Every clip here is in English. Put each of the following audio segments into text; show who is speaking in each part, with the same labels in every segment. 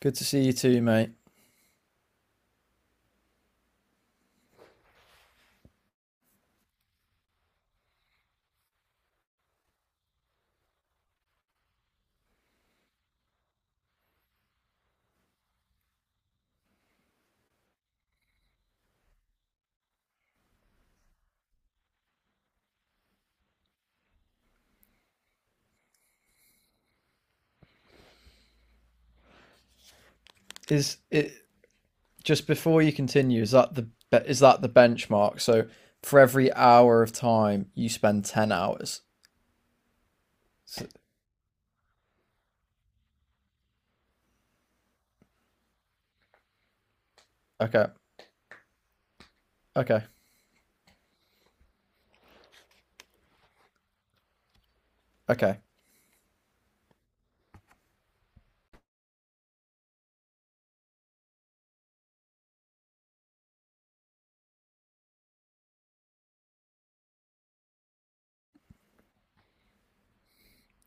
Speaker 1: Good to see you too, mate. Is it just before you continue? Is that the benchmark? So for every hour of time, you spend 10 hours. So- okay, okay, okay.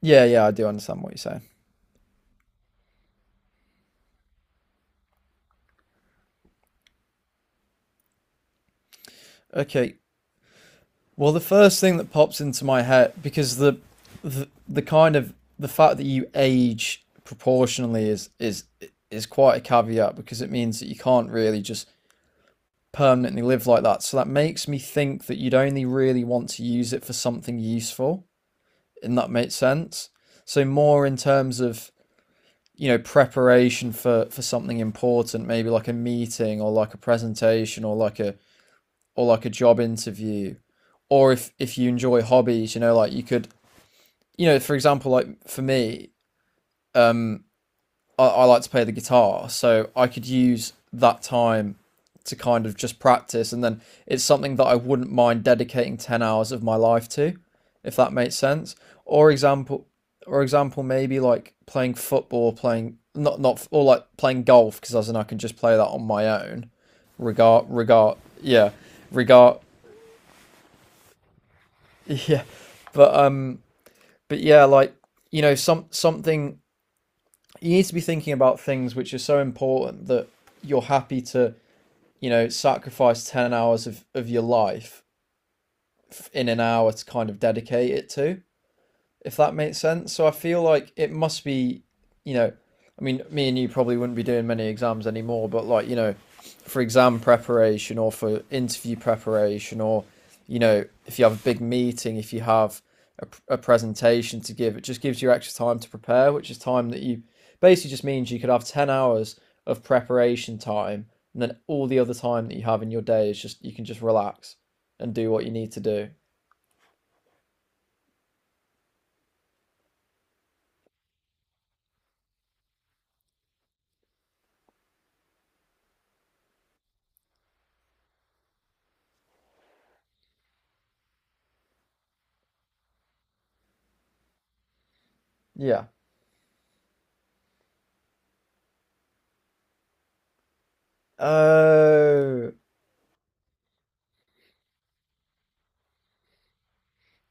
Speaker 1: Yeah, I do understand what you're saying. Okay. Well, the first thing that pops into my head, because the kind of the fact that you age proportionally is is quite a caveat, because it means that you can't really just permanently live like that. So that makes me think that you'd only really want to use it for something useful, and that makes sense. So more in terms of preparation for something important, maybe like a meeting or like a presentation or like a job interview, or if you enjoy hobbies, you know, like you could, for example, like for me, I like to play the guitar, so I could use that time to kind of just practice, and then it's something that I wouldn't mind dedicating 10 hours of my life to, if that makes sense. Or example, or example, maybe like playing football, playing not not or like playing golf, because as in I can just play that on my own. Yeah, regard, yeah, but um, but yeah, like, you know, something you need to be thinking about, things which are so important that you're happy to, you know, sacrifice 10 hours of your life in an hour to kind of dedicate it to, if that makes sense. So I feel like it must be, you know. I mean, me and you probably wouldn't be doing many exams anymore, but like, you know, for exam preparation or for interview preparation, or, you know, if you have a big meeting, if you have a presentation to give, it just gives you extra time to prepare, which is time that you, basically, just means you could have 10 hours of preparation time, and then all the other time that you have in your day is just, you can just relax and do what you need to do. Yeah. Oh,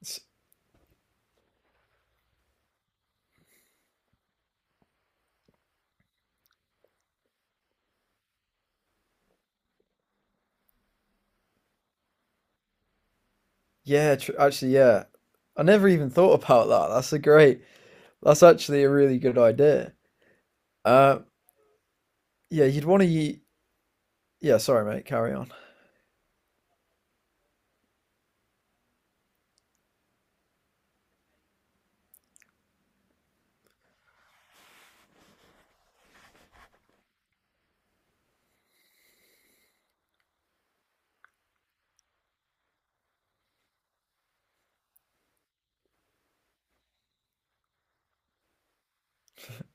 Speaker 1: it's Yeah, tr actually, yeah, I never even thought about that. That's actually a really good idea. Uh, yeah, you'd want to eat. Yeah, sorry, mate, carry on.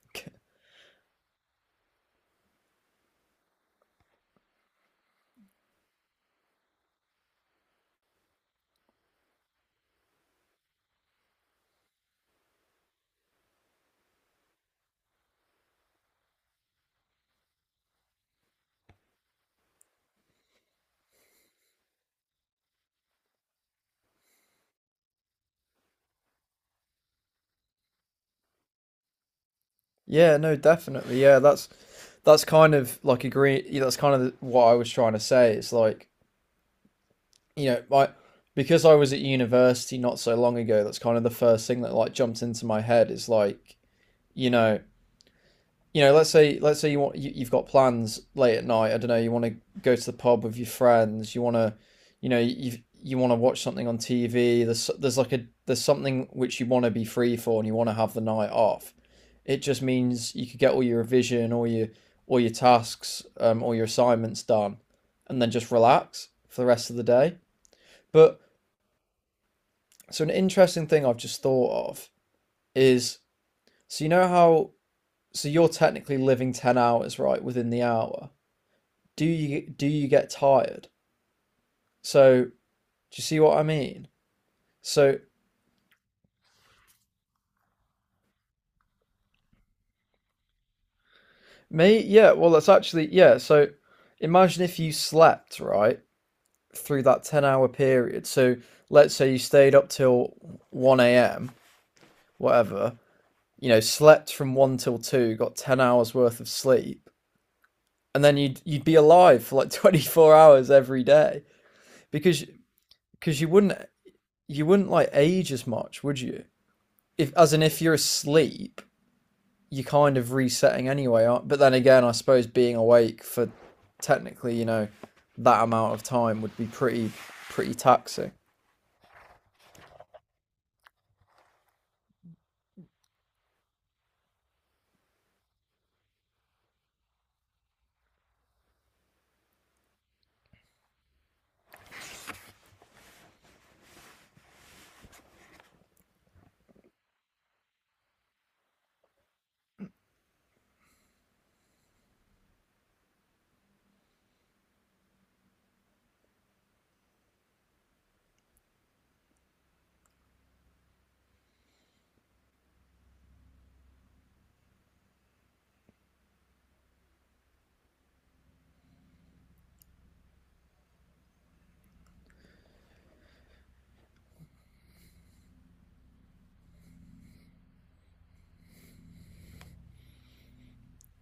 Speaker 1: Okay. Yeah, no, definitely. Yeah, that's kind of like, agree. Yeah, that's kind of what I was trying to say. It's like, you know, like, because I was at university not so long ago, that's kind of the first thing that like jumped into my head, is like, you know, let's say you want, you've got plans late at night. I don't know. You want to go to the pub with your friends. You want to, you know, you want to watch something on TV. There's like a, there's something which you want to be free for, and you want to have the night off. It just means you could get all your revision, all your tasks, all your assignments done, and then just relax for the rest of the day. But so an interesting thing I've just thought of is, so you know how, so you're technically living 10 hours right within the hour, do you get tired? So do you see what I mean? So well, that's actually, yeah, so imagine if you slept, right, through that 10-hour period. So let's say you stayed up till 1 a.m., whatever, you know, slept from 1 till 2, got 10 hours worth of sleep, and then you'd be alive for like 24 hours every day, because because you wouldn't you wouldn't like age as much, would you? If, as in, if you're asleep, you're kind of resetting anyway. But then again, I suppose being awake for, technically, you know, that amount of time would be pretty taxing.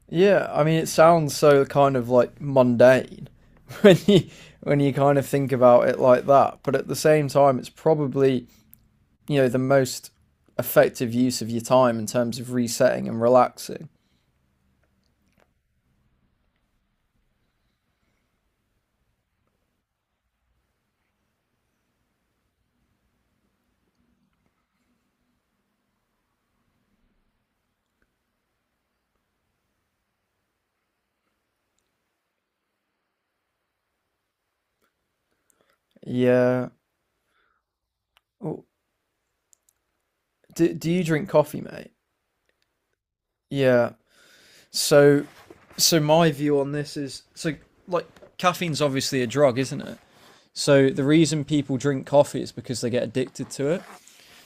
Speaker 1: Yeah, I mean, it sounds so kind of like mundane when you, when you kind of think about it like that. But at the same time, it's probably, you know, the most effective use of your time in terms of resetting and relaxing. Yeah. Oh, do you drink coffee, mate? Yeah. So, so, my view on this is, so, like, caffeine's obviously a drug, isn't it? So the reason people drink coffee is because they get addicted to it.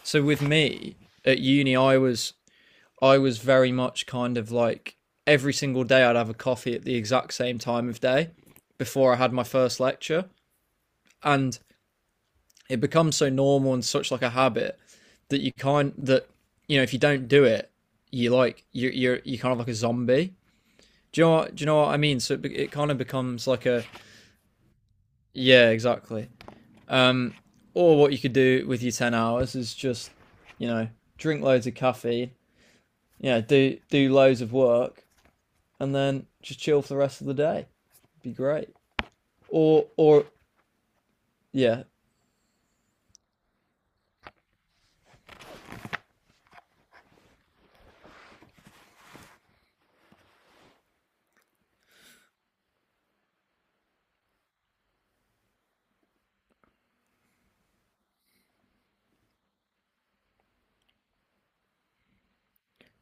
Speaker 1: So with me at uni, I was very much kind of like every single day I'd have a coffee at the exact same time of day before I had my first lecture, and it becomes so normal and such like a habit, that you can't that you know if you don't do it, you kind of like a zombie. Do you know what I mean? So it kind of becomes like a, yeah, exactly. Um, or what you could do with your 10 hours is just, you know, drink loads of caffeine, yeah, do loads of work, and then just chill for the rest of the day. It'd be great. Or, yeah,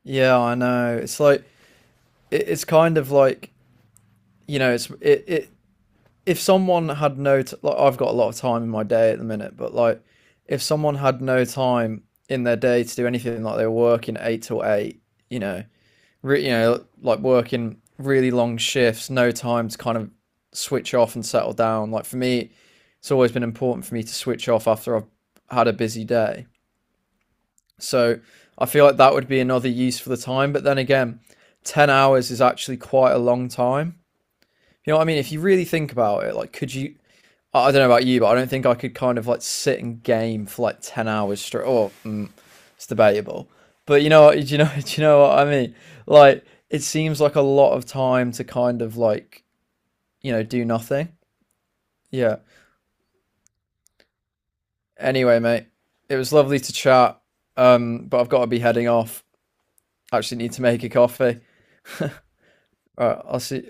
Speaker 1: yeah, I know. It's like, it's kind of like, you know, it, if someone had no t- like, I've got a lot of time in my day at the minute, but like, if someone had no time in their day to do anything, like they were working eight till eight, you know, you know, like working really long shifts, no time to kind of switch off and settle down. Like for me, it's always been important for me to switch off after I've had a busy day. So I feel like that would be another use for the time. But then again, 10 hours is actually quite a long time. You know what I mean? If you really think about it, like, could you, I don't know about you, but I don't think I could kind of like sit and game for like 10 hours straight. It's debatable, but you know, you know what I mean? Like, it seems like a lot of time to kind of like, you know, do nothing. Yeah. Anyway, mate, it was lovely to chat. But I've got to be heading off. Actually, need to make a coffee. All right, I'll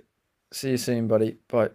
Speaker 1: see you soon, buddy. Bye.